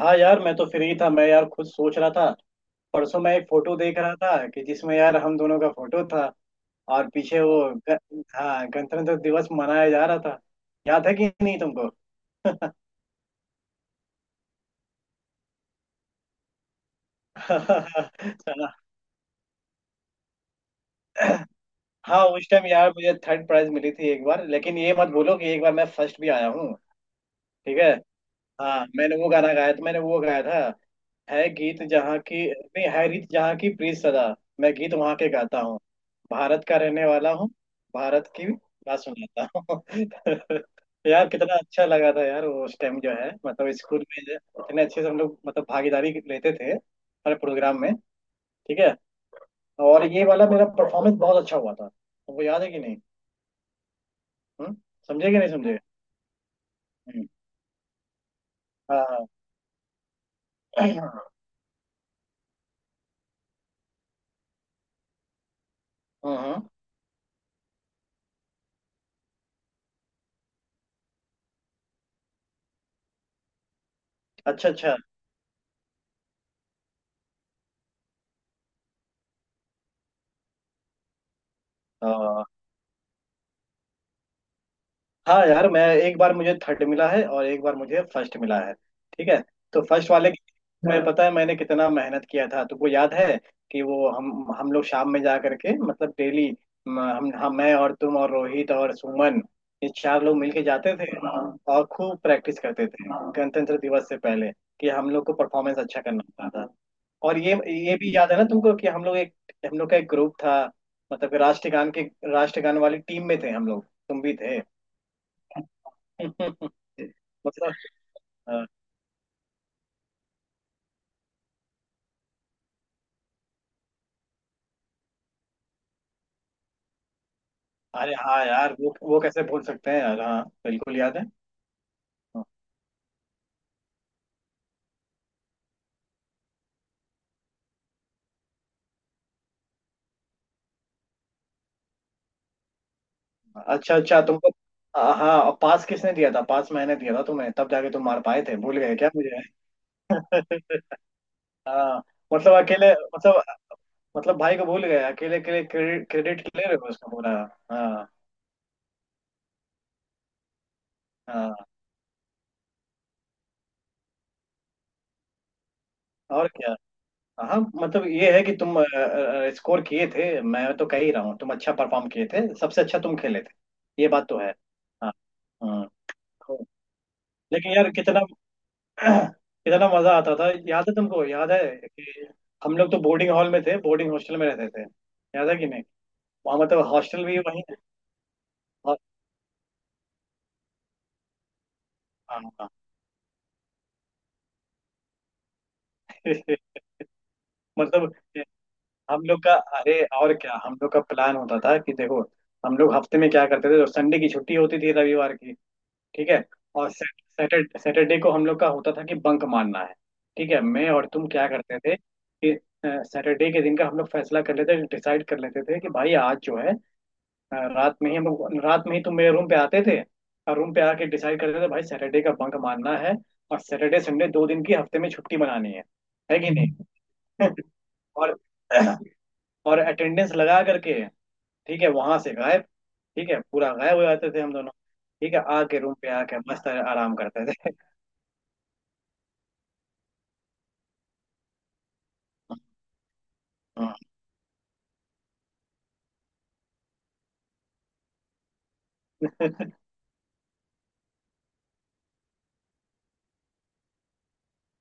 हाँ यार, मैं तो फ्री था। मैं यार खुद सोच रहा था। परसों मैं एक फोटो देख रहा था कि जिसमें यार हम दोनों का फोटो था। और पीछे वो ग, हाँ, गणतंत्र दिवस मनाया जा रहा था। याद है कि नहीं तुमको? हाँ, उस टाइम यार मुझे थर्ड प्राइज मिली थी एक बार। लेकिन ये मत बोलो कि एक बार मैं फर्स्ट भी आया हूँ। ठीक है। हाँ, मैंने वो गाना गाया था, मैंने वो गाया था। है गीत जहाँ की, नहीं है रीत जहाँ की, प्रीत सदा मैं गीत वहाँ के गाता हूँ, भारत का रहने वाला हूँ, भारत की बात सुनाता हूँ। यार कितना अच्छा लगा था यार वो, उस टाइम जो है मतलब स्कूल में इतने अच्छे से हम लोग मतलब भागीदारी लेते थे हर प्रोग्राम में। ठीक है। और ये वाला मेरा परफॉर्मेंस बहुत अच्छा हुआ था, तुमको याद है कि नहीं? हम्म। समझे कि नहीं समझे? हम्म, हाँ हाँ। हाँ हाँ। अच्छा अच्छा। हाँ। हाँ यार, मैं एक बार मुझे थर्ड मिला है और एक बार मुझे फर्स्ट मिला है। ठीक है। तो फर्स्ट वाले में, हाँ पता है मैंने कितना मेहनत किया था, तुमको याद है? कि वो हम लोग शाम में जा करके मतलब डेली, हम हाँ, मैं और तुम और रोहित और सुमन, ये चार लोग मिलके जाते थे। और खूब प्रैक्टिस करते थे गणतंत्र दिवस से पहले, कि हम लोग को परफॉर्मेंस अच्छा करना होता था। और ये भी याद है ना तुमको, कि हम लोग एक, हम लोग का एक ग्रुप था। मतलब कि राष्ट्रगान के, राष्ट्रगान वाली टीम में थे हम लोग, तुम भी थे। मतलब अ, अरे हाँ यार, वो कैसे भूल सकते हैं यार, हाँ बिल्कुल याद है। अच्छा अच्छा, तुमको हाँ, पास किसने दिया था? पास मैंने दिया था तुम्हें, तब जाके तुम मार पाए थे, भूल गए क्या मुझे? हाँ, मतलब अकेले मतलब, मतलब भाई को भूल गए, अकेले अकेले क्रेडिट, क्रेडिट ले रहे हो उसका पूरा। हाँ हाँ, और क्या। हाँ मतलब ये है कि तुम स्कोर किए थे, मैं तो कह ही रहा हूँ, तुम अच्छा परफॉर्म किए थे, सबसे अच्छा तुम खेले थे, ये बात तो है। हाँ हाँ। लेकिन यार, कितना कितना मजा आता था, याद है तुमको? याद है कि हम लोग तो बोर्डिंग हॉल में थे, बोर्डिंग हॉस्टल में रहते थे, याद है कि नहीं, वहाँ मतलब हॉस्टल भी वही है। हाँ हाँ। मतलब हम लोग का, अरे और क्या, हम लोग का प्लान होता था कि देखो हम लोग हफ्ते में क्या करते थे, तो संडे की छुट्टी होती थी रविवार की। ठीक है। और सैटरडे सैटरडे को हम लोग का होता था कि बंक मारना है। ठीक है, मैं और तुम क्या करते थे कि सैटरडे के दिन का हम लोग फैसला कर लेते, डिसाइड कर लेते थे कि भाई आज जो है, हाँ, रात में ही तुम मेरे रूम पे आते थे। और रूम पे आके डिसाइड करते थे भाई सैटरडे का बंक मारना है। और सैटरडे संडे 2 दिन की हफ्ते में छुट्टी मनानी है कि नहीं? और अटेंडेंस लगा करके, ठीक है वहां से गायब, ठीक है पूरा गायब हो जाते थे हम दोनों, ठीक है आके रूम पे आके मस्त आराम करते थे। हाँ।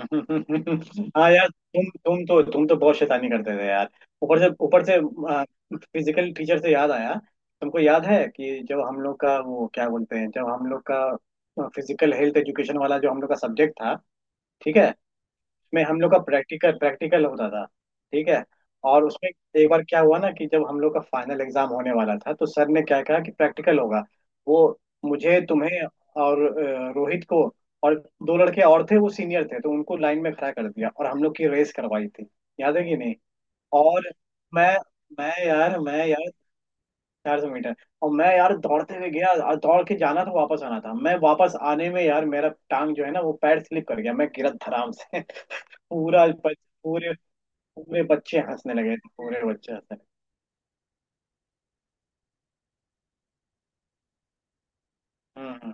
हाँ यार, तुम तो बहुत शैतानी करते थे यार, ऊपर से। फिजिकल टीचर से याद आया, तुमको याद है कि जब हम लोग का वो क्या बोलते हैं, जब हम लोग का फिजिकल हेल्थ एजुकेशन वाला जो हम लोग का सब्जेक्ट था, ठीक है, में हम लोग का प्रैक्टिकल, होता था। ठीक है, और उसमें एक बार क्या हुआ ना, कि जब हम लोग का फाइनल एग्जाम होने वाला था, तो सर ने क्या कहा कि प्रैक्टिकल होगा, वो, मुझे, तुम्हें और रोहित को, और दो लड़के और थे वो सीनियर थे, तो उनको लाइन में खड़ा कर दिया और हम लोग की रेस करवाई थी, याद है कि नहीं? और मैं मैं यार 400 मीटर, और मैं यार दौड़ते हुए गया और दौड़ के जाना था, वापस आना था। मैं वापस आने में यार मेरा टांग जो है ना, वो पैर स्लिप कर गया, मैं गिरा धड़ाम से। पूरा बच, पूरे पूरे बच्चे हंसने लगे थे, पूरे बच्चे हंसने लगे। हम्म हम्म,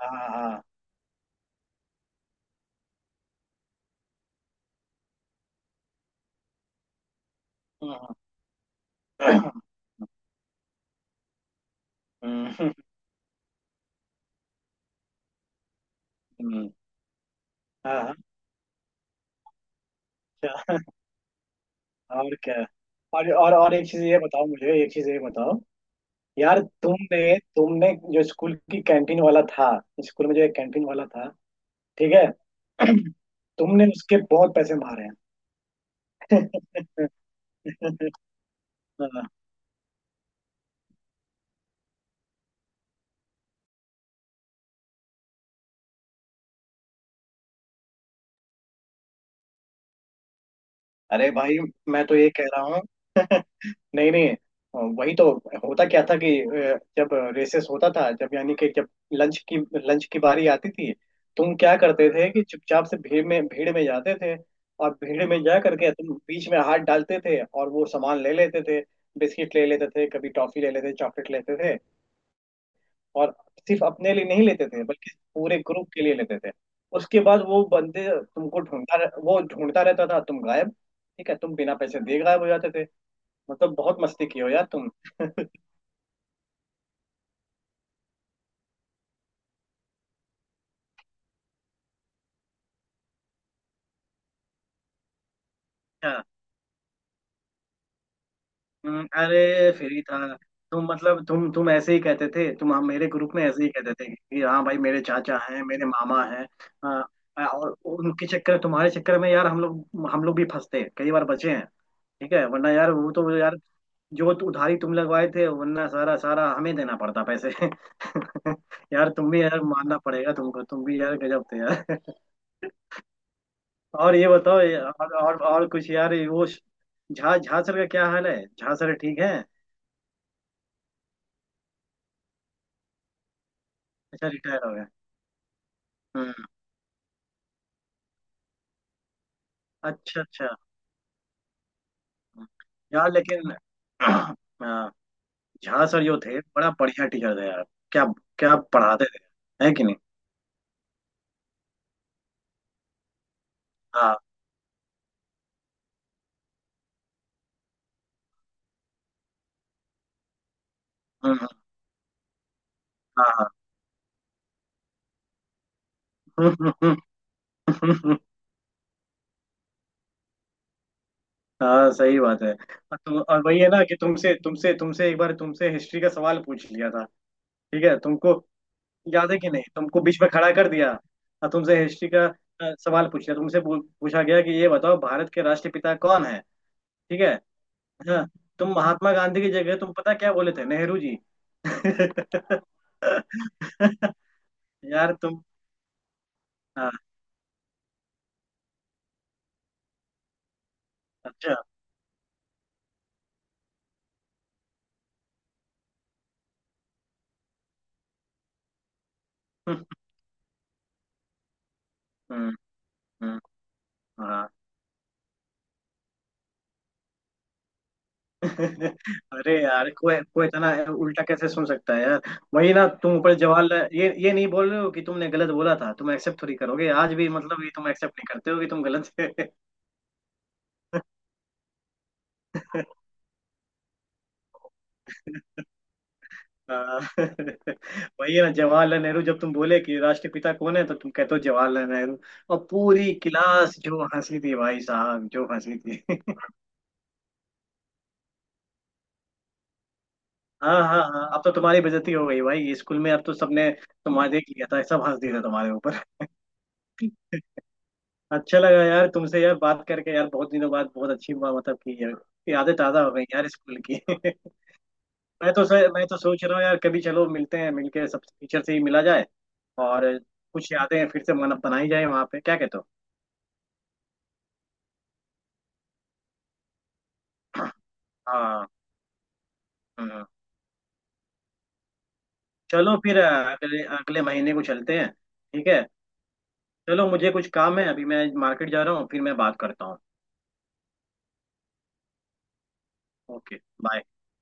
हाँ हाँ, हम्म हम्म, हम्म, हाँ हाँ। अच्छा, और क्या। और एक चीज ये बताओ मुझे, एक चीज ये बताओ यार, तुमने तुमने जो स्कूल की कैंटीन वाला था, स्कूल में जो एक कैंटीन वाला था, ठीक है। तुमने उसके बहुत पैसे मारे हैं। हाँ, अरे भाई मैं तो ये कह रहा हूँ। नहीं नहीं, वही तो होता क्या था कि जब रेसेस होता था, जब यानी कि जब लंच की लंच की बारी आती थी, तुम क्या करते थे कि चुपचाप से भीड़ में, जाते थे। और भीड़ में जा करके तुम बीच में हाथ डालते थे, और वो सामान ले लेते थे, बिस्किट ले लेते थे, कभी टॉफी ले लेते थे, चॉकलेट लेते थे। और सिर्फ अपने लिए नहीं लेते थे, बल्कि पूरे ग्रुप के लिए लेते थे। उसके बाद वो बंदे तुमको वो ढूंढता रहता था, तुम गायब, ठीक है तुम बिना पैसे दिए गायब हो जाते थे। मतलब बहुत मस्ती की हो यार तुम। अच्छा, अरे फिर ही था। तुम मतलब तुम ऐसे ही कहते थे, तुम हम मेरे ग्रुप में ऐसे ही कहते थे कि हाँ भाई मेरे चाचा हैं, मेरे मामा हैं। हाँ, और उनके चक्कर तुम्हारे चक्कर में यार, हम लोग भी फंसते हैं, कई बार बचे हैं। ठीक है, वरना यार वो तो यार, जो उधारी तुम लगवाए थे, वरना सारा सारा हमें देना पड़ता पैसे। यार तुम भी यार, मानना पड़ेगा तुमको, तुम भी यार गजब थे यार। और ये बताओ और कुछ यार, झा झा सर का क्या हाल है? झा सर ठीक है? अच्छा, रिटायर हो गए? हम्म। अच्छा अच्छा। हम्म। यार लेकिन हाँ, झा सर जो थे बड़ा बढ़िया टीचर थे यार। क्या क्या पढ़ाते थे, है कि नहीं? हाँ, हम्म, हाँ हाँ। हाँ सही बात है। और तुम, और वही है ना कि तुमसे तुमसे तुमसे एक बार तुमसे हिस्ट्री का सवाल पूछ लिया था, ठीक है, तुमको याद है कि नहीं? तुमको बीच में खड़ा कर दिया, और तुमसे हिस्ट्री का सवाल पूछ लिया, तुमसे पूछा गया कि ये बताओ भारत के राष्ट्रपिता कौन है? ठीक है, हाँ, तुम महात्मा गांधी की जगह तुम पता क्या बोले थे? नेहरू जी। यार तुम, हाँ, अच्छा, हम्म हम्म, हम्म, हाँ। अरे यार, कोई कोई इतना उल्टा कैसे सुन सकता है यार। वही ना, तुम ऊपर जवाहरलाल, ये नहीं बोल रहे हो कि तुमने गलत बोला था, तुम एक्सेप्ट थोड़ी करोगे आज भी, मतलब ये तुम एक्सेप्ट नहीं करते हो कि तुम गलत। हाँ। वही है ना जवाहरलाल नेहरू, जब तुम बोले कि राष्ट्रपिता कौन है तो तुम कहते हो जवाहरलाल नेहरू। और पूरी क्लास जो हंसी थी भाई साहब, जो हंसी थी। हाँ हाँ हाँ, अब तो तुम्हारी बेइज्जती हो गई भाई स्कूल में, अब तो सबने तुम्हारे देख लिया था, सब हंस दिए थे तुम्हारे ऊपर। अच्छा लगा यार तुमसे यार बात करके यार, बहुत दिनों बाद बहुत अच्छी बात मतलब की यार। यादें ताजा हो गई यार स्कूल की। मैं तो सर, मैं तो सोच रहा हूँ यार, कभी चलो मिलते हैं, मिलके सब टीचर से ही मिला जाए। और कुछ यादें फिर से मन बनाई जाए वहाँ पे, क्या कहते हो? हाँ हाँ। चलो फिर अगले अगले महीने को चलते हैं। ठीक है। चलो मुझे कुछ काम है, अभी मैं मार्केट जा रहा हूँ, फिर मैं बात करता हूँ। Okay, bye.